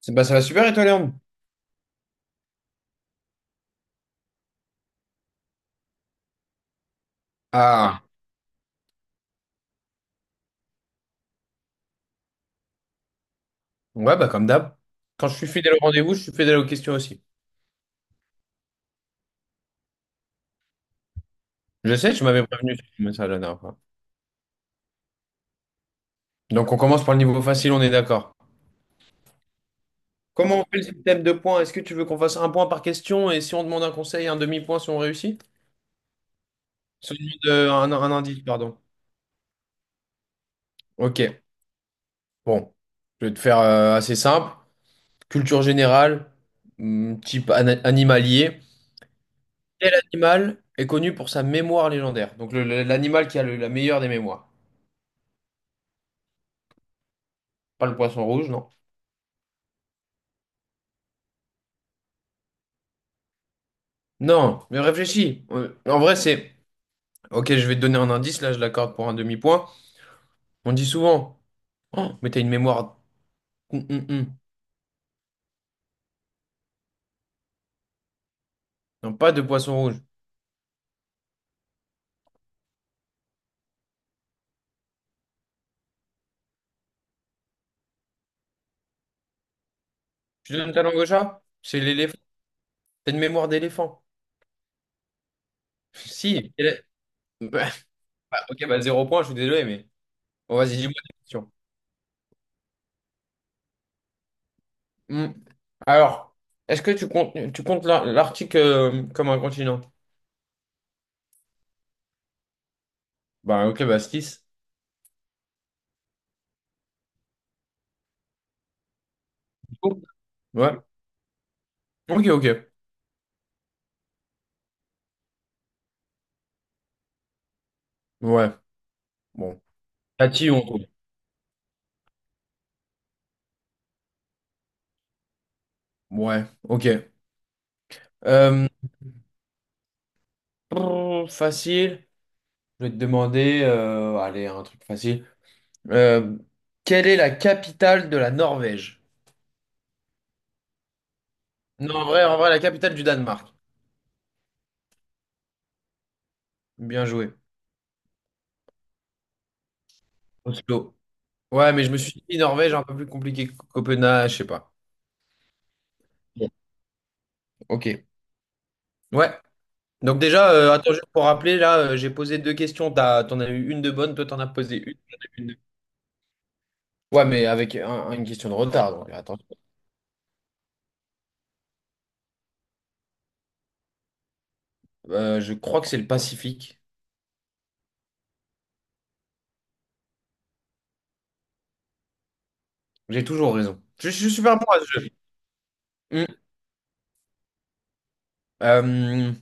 C'est- ça va super et toi, Léon? Ah, ouais, bah comme d'hab. Quand je suis fidèle au rendez-vous, je suis fidèle aux questions aussi. Je sais, tu m'avais prévenu sur le message la dernière fois. Donc on commence par le niveau facile, on est d'accord. Comment on fait le système de points? Est-ce que tu veux qu'on fasse un point par question et si on demande un conseil, un demi-point si on réussit? Si on demande un indice, pardon. Ok, bon. Je vais te faire assez simple. Culture générale, type animalier. Quel animal est connu pour sa mémoire légendaire? Donc l'animal qui a la meilleure des mémoires. Pas le poisson rouge, non? Non, mais réfléchis. En vrai, c'est... Ok, je vais te donner un indice, là, je l'accorde pour un demi-point. On dit souvent, oh, mais t'as une mémoire... hum. Non, pas de poisson rouge. Tu donnes ta langue au chat? C'est l'éléphant. T'as une mémoire d'éléphant. Si. Bah, bah, ok, bah zéro point, je suis désolé, mais... Bon, vas-y, dis-moi des questions. Hum. Alors, est-ce que tu comptes l'Arctique comme un continent? Bah, ok, bah 6. Ouais. Ok, ok. Ouais. Bon. Tati, on trouve. Ouais, ok. Euh, Brrr, facile. Je vais te demander, allez, un truc facile. Euh, quelle est la capitale de la Norvège? Non, en vrai, la capitale du Danemark. Bien joué. Oslo. Ouais, mais je me suis dit Norvège un peu plus compliqué que Copenhague, je sais pas. Bon, ok. Ouais. Donc déjà, attends, juste pour rappeler, là, j'ai posé 2 questions. T'en as eu une de bonne, toi t'en as posé une. J'en ai eu une de- Ouais, mais avec une question de retard. Donc, attends. Je crois que c'est le Pacifique. J'ai toujours raison. Je suis super bon à ce jeu. Hmm. Euh,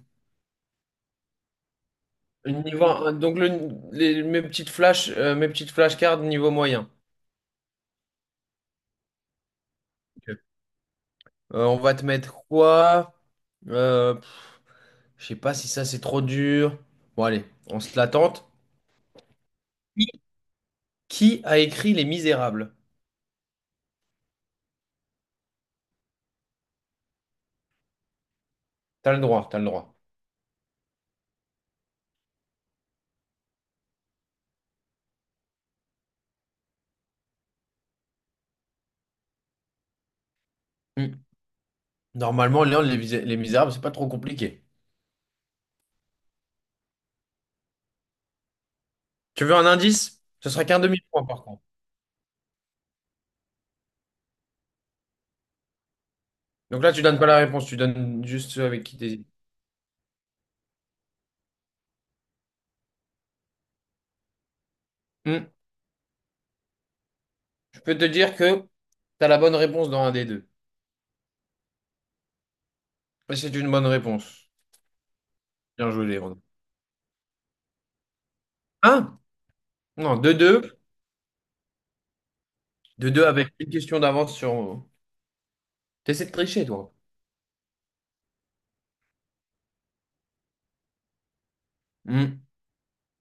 niveau un, donc mes petites flash mes petites flashcards niveau moyen. Ok. On va te mettre quoi? Euh, pff, je sais pas si ça c'est trop dur. Bon allez, on se la tente. Qui qui a écrit Les Misérables? T'as le droit, t'as le droit. Hmm. Normalement, Léon, les Misérables, c'est pas trop compliqué. Tu veux un indice? Ce sera qu'un demi-point par contre. Donc là, tu donnes pas la réponse, tu donnes juste ceux avec qui t'hésites. Hmm. Je peux te dire que t'as la bonne réponse dans un des deux. Et c'est une bonne réponse. Bien joué, Léon. Hein. Non, 2 deux, 2 deux avec une question d'avance sur... T'essaies de tricher, toi. Hmm.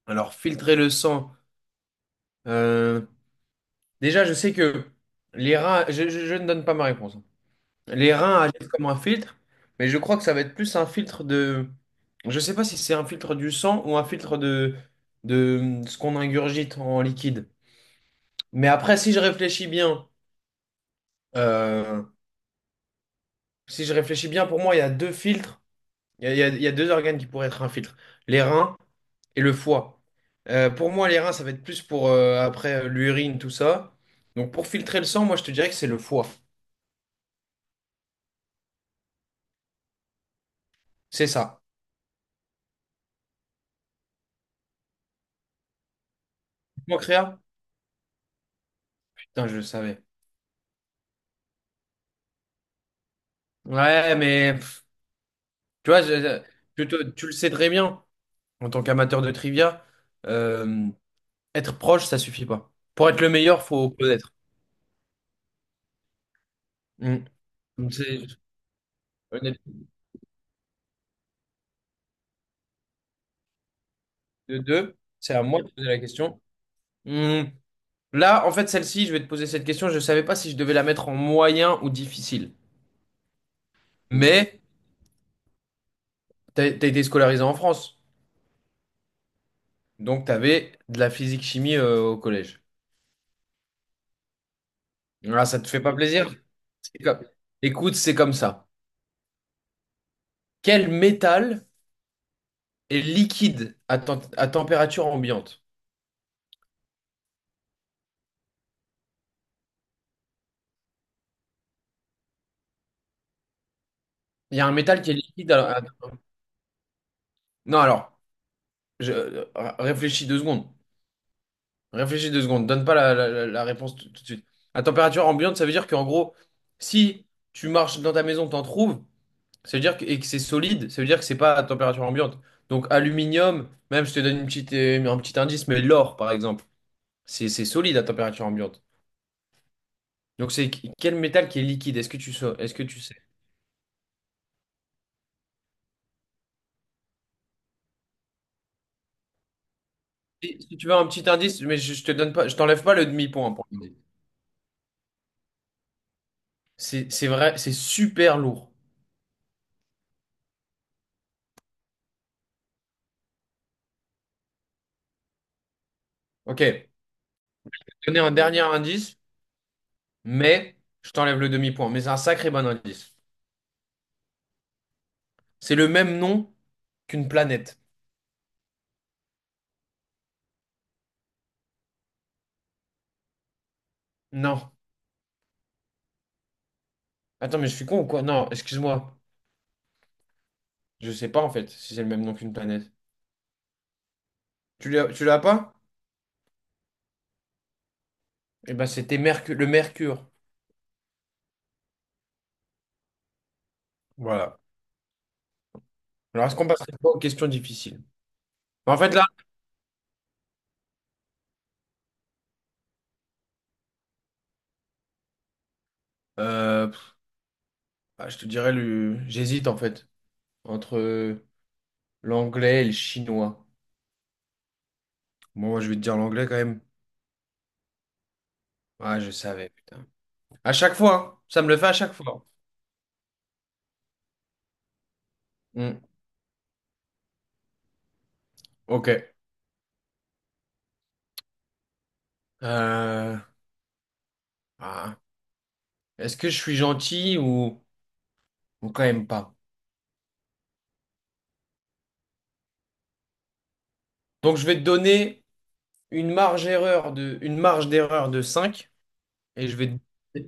Alors, filtrer le sang. Euh, Déjà, je sais que les reins... je ne donne pas ma réponse. Hein. Les reins agissent comme un filtre, mais je crois que ça va être plus un filtre de... Je sais pas si c'est un filtre du sang ou un filtre de ce qu'on ingurgite en liquide. Mais après, si je réfléchis bien, euh, si je réfléchis bien, pour moi, il y a 2 filtres. Il y a 2 organes qui pourraient être un filtre, les reins et le foie. Pour moi, les reins, ça va être plus pour après l'urine, tout ça. Donc pour filtrer le sang, moi, je te dirais que c'est le foie. C'est ça. Moi, Créa? Putain, je le savais. Ouais, mais pff, tu vois, tu le sais très bien, en tant qu'amateur de trivia, euh, être proche, ça suffit pas. Pour être le meilleur, faut connaître. Mm. Donc, c'est- honnêtement, de deux, c'est à moi de poser la question. Hmm. Là, en fait, celle-ci, je vais te poser cette question. Je ne savais pas si je devais la mettre en moyen ou difficile. Mais tu as été scolarisé en France. Donc, tu avais de la physique-chimie au collège. Ah, ça te fait pas plaisir? C'est comme- Écoute, c'est comme ça. Quel métal est liquide à, à température ambiante? Il y a un métal qui est liquide à- Non, alors, je... euh, réfléchis 2 secondes. Réfléchis deux secondes. Donne pas la réponse tout tout de suite. À température ambiante, ça veut dire qu'en gros, si tu marches dans ta maison, t'en trouves. Ça veut dire que, et que c'est solide, ça veut dire que c'est pas à température ambiante. Donc aluminium, même si je te donne une petite, un petit indice, mais l'or par exemple, c'est solide à température ambiante. Donc c'est quel métal qui est liquide? Est-ce que tu sais? Est-ce que tu sais? Si si tu veux un petit indice, mais je te donne pas, je t'enlève pas le demi-point pour l'indice. C'est vrai, c'est super lourd. Ok, je vais te donner un dernier indice, mais je t'enlève le demi-point. Mais c'est un sacré bon indice. C'est le même nom qu'une planète. Non. Attends, mais je suis con ou quoi? Non, excuse-moi. Je sais pas en fait si c'est le même nom qu'une planète. Tu l'as pas? Eh ben c'était Mercure, le Mercure. Voilà. Alors est-ce qu'on passerait pas aux questions difficiles? Bah, en fait là, euh, pff, ah, je te dirais le, j'hésite en fait entre l'anglais et le chinois. Bon, moi je vais te dire l'anglais quand même. Ah je savais putain. À chaque fois, hein. Ça me le fait à chaque fois. Hmm, ok. Euh, ah. Est-ce que je suis gentil ou quand même pas? Donc je vais te donner une marge erreur de, une marge d'erreur de 5. Et je vais te...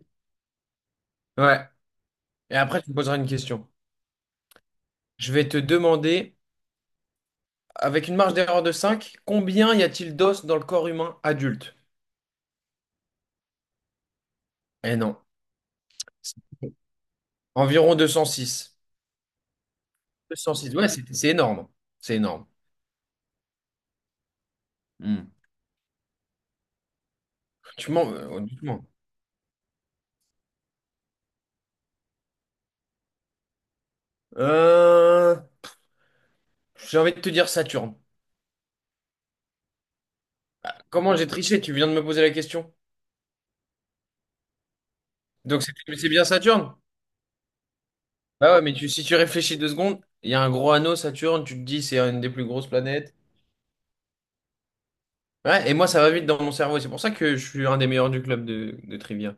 Ouais. Et après, tu me poseras une question. Je vais te demander, avec une marge d'erreur de 5, combien y a-t-il d'os dans le corps humain adulte? Eh non. Environ 206. 206, ouais, c'est énorme. C'est énorme. Hmm. Tu mens, honnêtement. Euh, J'ai envie de te dire Saturne. Comment j'ai triché? Tu viens de me poser la question. Donc c'est bien Saturne? Bah ouais, mais tu- si tu réfléchis deux secondes, il y a un gros anneau, Saturne, tu te dis c'est une des plus grosses planètes. Ouais, et moi, ça va vite dans mon cerveau. C'est pour ça que je suis un des meilleurs du club de trivia.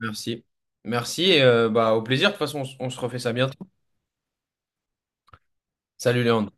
Merci. Merci et bah, au plaisir. De toute façon, on se refait ça bientôt. Salut Léon.